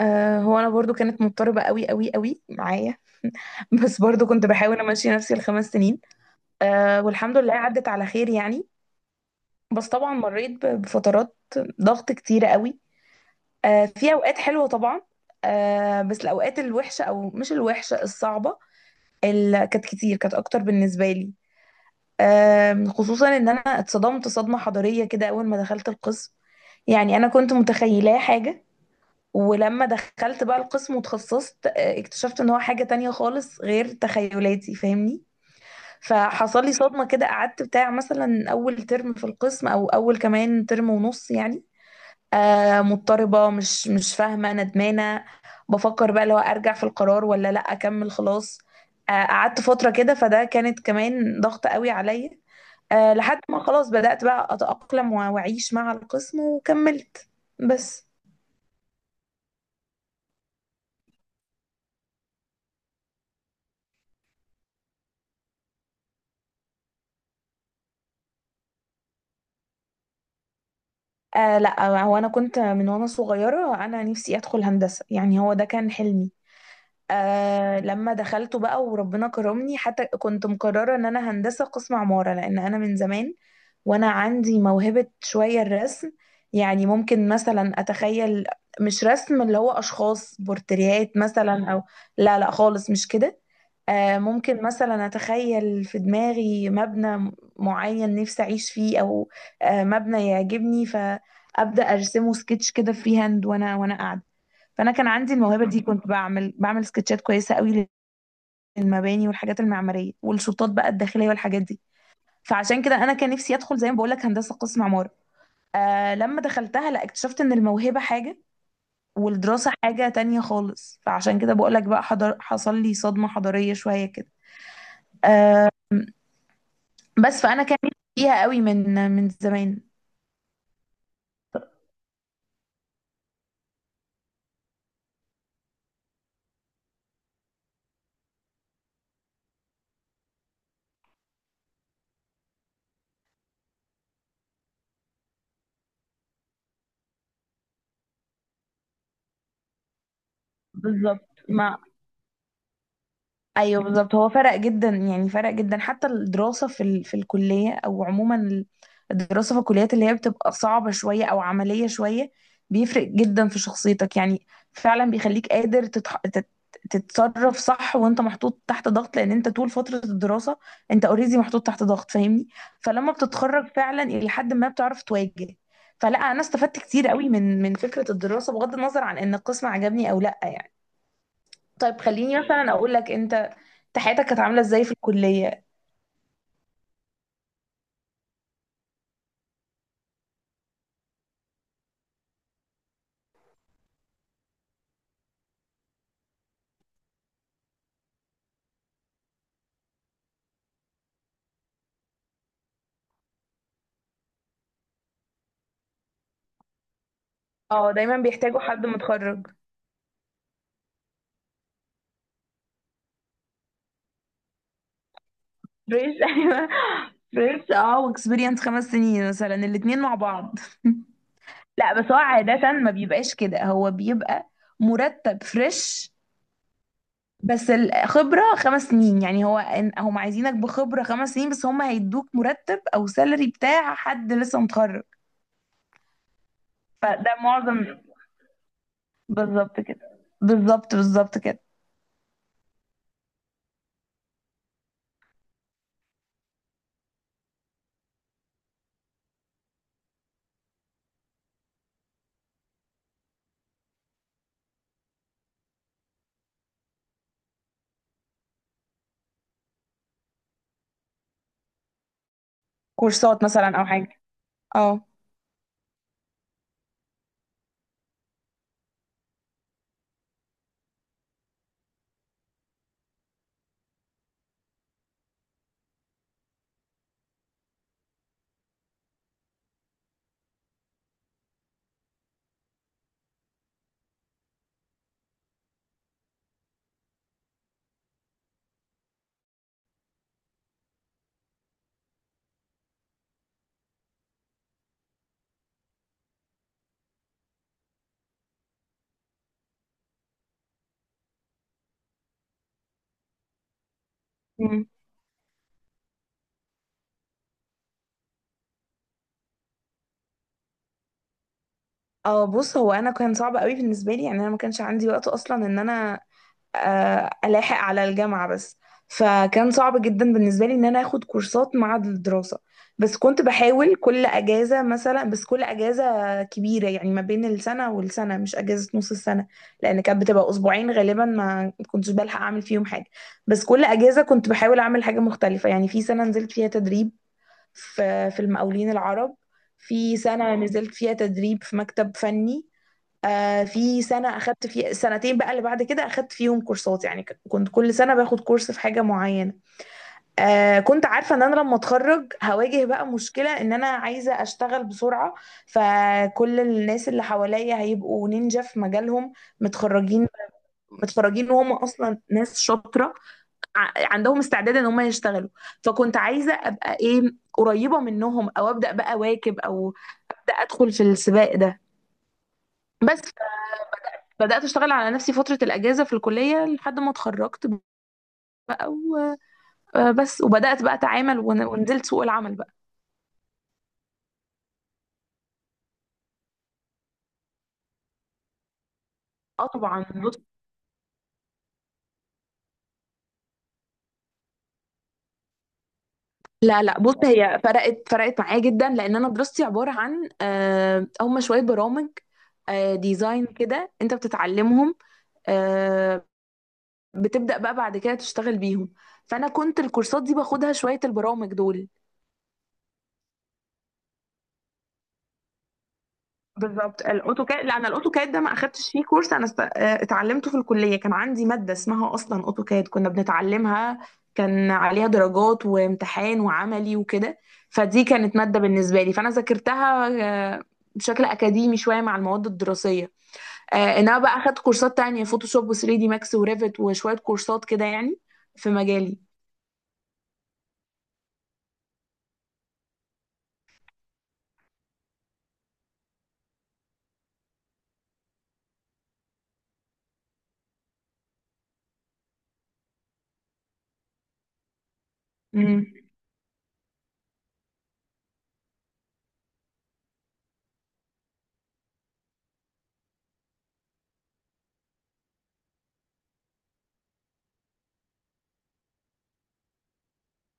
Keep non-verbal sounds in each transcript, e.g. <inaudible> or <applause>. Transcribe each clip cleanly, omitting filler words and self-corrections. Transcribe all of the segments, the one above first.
هو انا برضو كانت مضطربه قوي قوي قوي معايا. <laughs> بس برضو كنت بحاول امشي نفسي الخمس سنين. والحمد لله عدت على خير يعني. بس طبعا مريت بفترات ضغط كتيره قوي. في اوقات حلوه طبعا. بس الاوقات الوحشه او مش الوحشه الصعبه اللي كانت كتير كانت اكتر بالنسبه لي. خصوصا ان انا اتصدمت صدمه حضاريه كده اول ما دخلت القسم، يعني انا كنت متخيلاه حاجه، ولما دخلت بقى القسم وتخصصت اكتشفت ان هو حاجة تانية خالص غير تخيلاتي، فاهمني؟ فحصل لي صدمة كده، قعدت بتاع مثلا اول ترم في القسم او اول كمان ترم ونص يعني. مضطربة، مش فاهمة، ندمانة، بفكر بقى لو ارجع في القرار ولا لا اكمل خلاص. قعدت فترة كده، فده كانت كمان ضغط قوي عليا. لحد ما خلاص بدأت بقى اتأقلم واعيش مع القسم وكملت بس. لا، هو انا كنت من وانا صغيره انا نفسي ادخل هندسه، يعني هو ده كان حلمي. لما دخلته بقى وربنا كرمني، حتى كنت مقرره ان انا هندسه قسم عماره، لان انا من زمان وانا عندي موهبة شوية الرسم، يعني ممكن مثلا اتخيل، مش رسم اللي هو اشخاص بورتريهات مثلا او، لا لا خالص مش كده. ممكن مثلا اتخيل في دماغي مبنى معين نفسي اعيش فيه، او مبنى يعجبني فابدا ارسمه سكتش كده فري هاند وانا قاعده. فانا كان عندي الموهبه دي، كنت بعمل سكتشات كويسه قوي للمباني والحاجات المعماريه والشطات بقى الداخليه والحاجات دي. فعشان كده انا كان نفسي ادخل زي ما بقول لك هندسه قسم عماره. لما دخلتها لا اكتشفت ان الموهبه حاجه والدراسه حاجه تانية خالص، فعشان كده بقول لك بقى حضر، حصل لي صدمه حضاريه شويه كده. آه بس فانا كان نفسي فيها قوي من زمان. بالظبط ما، ايوه بالظبط، هو فرق جدا، يعني فرق جدا حتى الدراسه في الكليه او عموما الدراسه في الكليات اللي هي بتبقى صعبه شويه او عمليه شويه، بيفرق جدا في شخصيتك يعني. فعلا بيخليك قادر تتصرف صح وانت محطوط تحت ضغط، لان انت طول فتره الدراسه انت اوريدي محطوط تحت ضغط، فاهمني؟ فلما بتتخرج فعلا الى حد ما بتعرف تواجه. فلا، انا استفدت كتير قوي من فكره الدراسه بغض النظر عن ان القسم عجبني او لا يعني. طيب خليني مثلا اقول لك، انت حياتك كانت عامله ازاي في الكليه؟ اه دايما بيحتاجوا حد متخرج فريش. <laughs> ايوه فريش، اه، واكسبيرينس 5 سنين مثلا، الاتنين مع بعض. <laughs> لا بس هو عاده ما بيبقاش كده، هو بيبقى مرتب فريش بس الخبره 5 سنين، يعني هو هم عايزينك بخبره 5 سنين بس هم هيدوك مرتب او سالري بتاع حد لسه متخرج. فده معظم، بالظبط كده، بالظبط بالظبط كده. كورسات مثلا او حاجه. اه. مم. اه بص، هو انا كان صعب قوي بالنسبه لي، يعني انا ما كانش عندي وقت اصلا ان انا الاحق على الجامعه بس. فكان صعب جدا بالنسبه لي ان انا اخد كورسات مع الدراسه، بس كنت بحاول كل اجازه مثلا، بس كل اجازه كبيره يعني، ما بين السنه والسنه، مش اجازه نص السنه، لان كانت بتبقى اسبوعين غالبا ما كنتش بلحق اعمل فيهم حاجه. بس كل اجازه كنت بحاول اعمل حاجه مختلفه، يعني في سنه نزلت فيها تدريب في في المقاولين العرب، في سنة نزلت فيها تدريب في مكتب فني، آه في سنة أخدت فيها سنتين بقى اللي بعد كده أخدت فيهم كورسات، يعني كنت كل سنة باخد كورس في حاجة معينة. كنت عارفة إن أنا لما أتخرج هواجه بقى مشكلة إن أنا عايزة أشتغل بسرعة، فكل الناس اللي حواليا هيبقوا نينجا في مجالهم، متخرجين، متخرجين وهم أصلا ناس شاطرة، عندهم استعداد ان هم يشتغلوا. فكنت عايزه ابقى ايه، قريبه منهم او ابدا بقى واكب، او ابدا ادخل في السباق ده. بس بدات اشتغل على نفسي فتره الاجازه في الكليه لحد ما اتخرجت بقى، وبس، وبدات بقى اتعامل، ونزلت سوق العمل بقى. اه طبعا بص. لا لا بص، هي فرقت فرقت معايا جدا، لان انا دراستي عباره عن هم شويه برامج ديزاين كده انت بتتعلمهم، آه، بتبدأ بقى بعد كده تشتغل بيهم. فأنا كنت الكورسات دي باخدها شوية البرامج دول. بالظبط الاوتوكاد، لا انا الاوتوكاد ده ما اخدتش فيه كورس، انا است... آه، اتعلمته في الكليه، كان عندي ماده اسمها اصلا اوتوكاد كنا بنتعلمها، كان عليها درجات وامتحان وعملي وكده، فدي كانت ماده بالنسبه لي، فانا ذاكرتها آه، بشكل اكاديمي شويه مع المواد الدراسيه. انما بقى اخدت كورسات تانية، فوتوشوب و3 دي ماكس وريفت وشويه كورسات كده يعني، في مجالي. مم.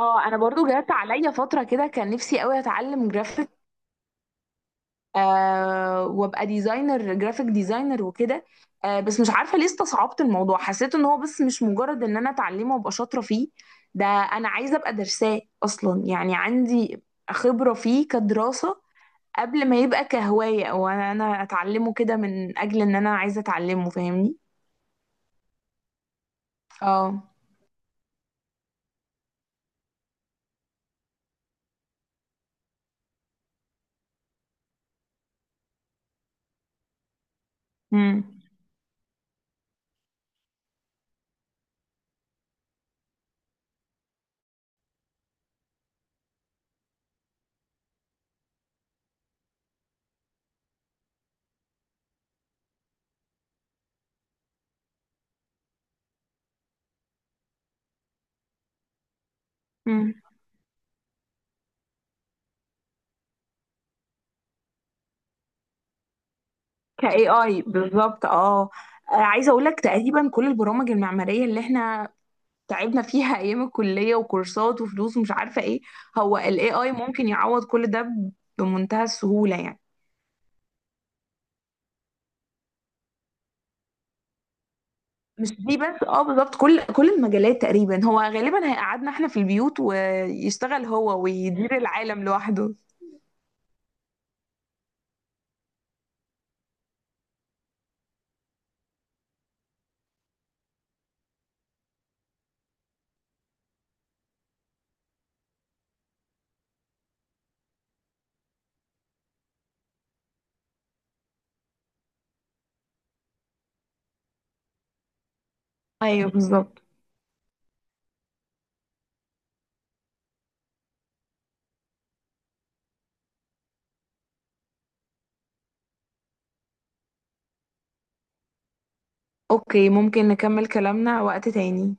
اه انا برضو جات عليا فتره كده كان نفسي قوي اتعلم جرافيك وابقى ديزاينر، جرافيك ديزاينر وكده. بس مش عارفه ليه استصعبت الموضوع، حسيت ان هو بس مش مجرد ان انا اتعلمه وابقى شاطره فيه، ده انا عايزه ابقى درساه اصلا، يعني عندي خبره فيه كدراسه قبل ما يبقى كهوايه، او انا اتعلمه كده من اجل ان انا عايزه اتعلمه، فاهمني؟ اه. امم كاي اي بالظبط، اه. عايزه اقول لك تقريبا كل البرامج المعماريه اللي احنا تعبنا فيها ايام الكليه وكورسات وفلوس ومش عارفه ايه، هو الاي اي ممكن يعوض كل ده بمنتهى السهوله يعني. مش دي بس، اه بالظبط، كل المجالات تقريبا، هو غالبا هيقعدنا احنا في البيوت ويشتغل هو ويدير العالم لوحده. ايوه بالظبط. اوكي، ممكن نكمل كلامنا وقت تاني.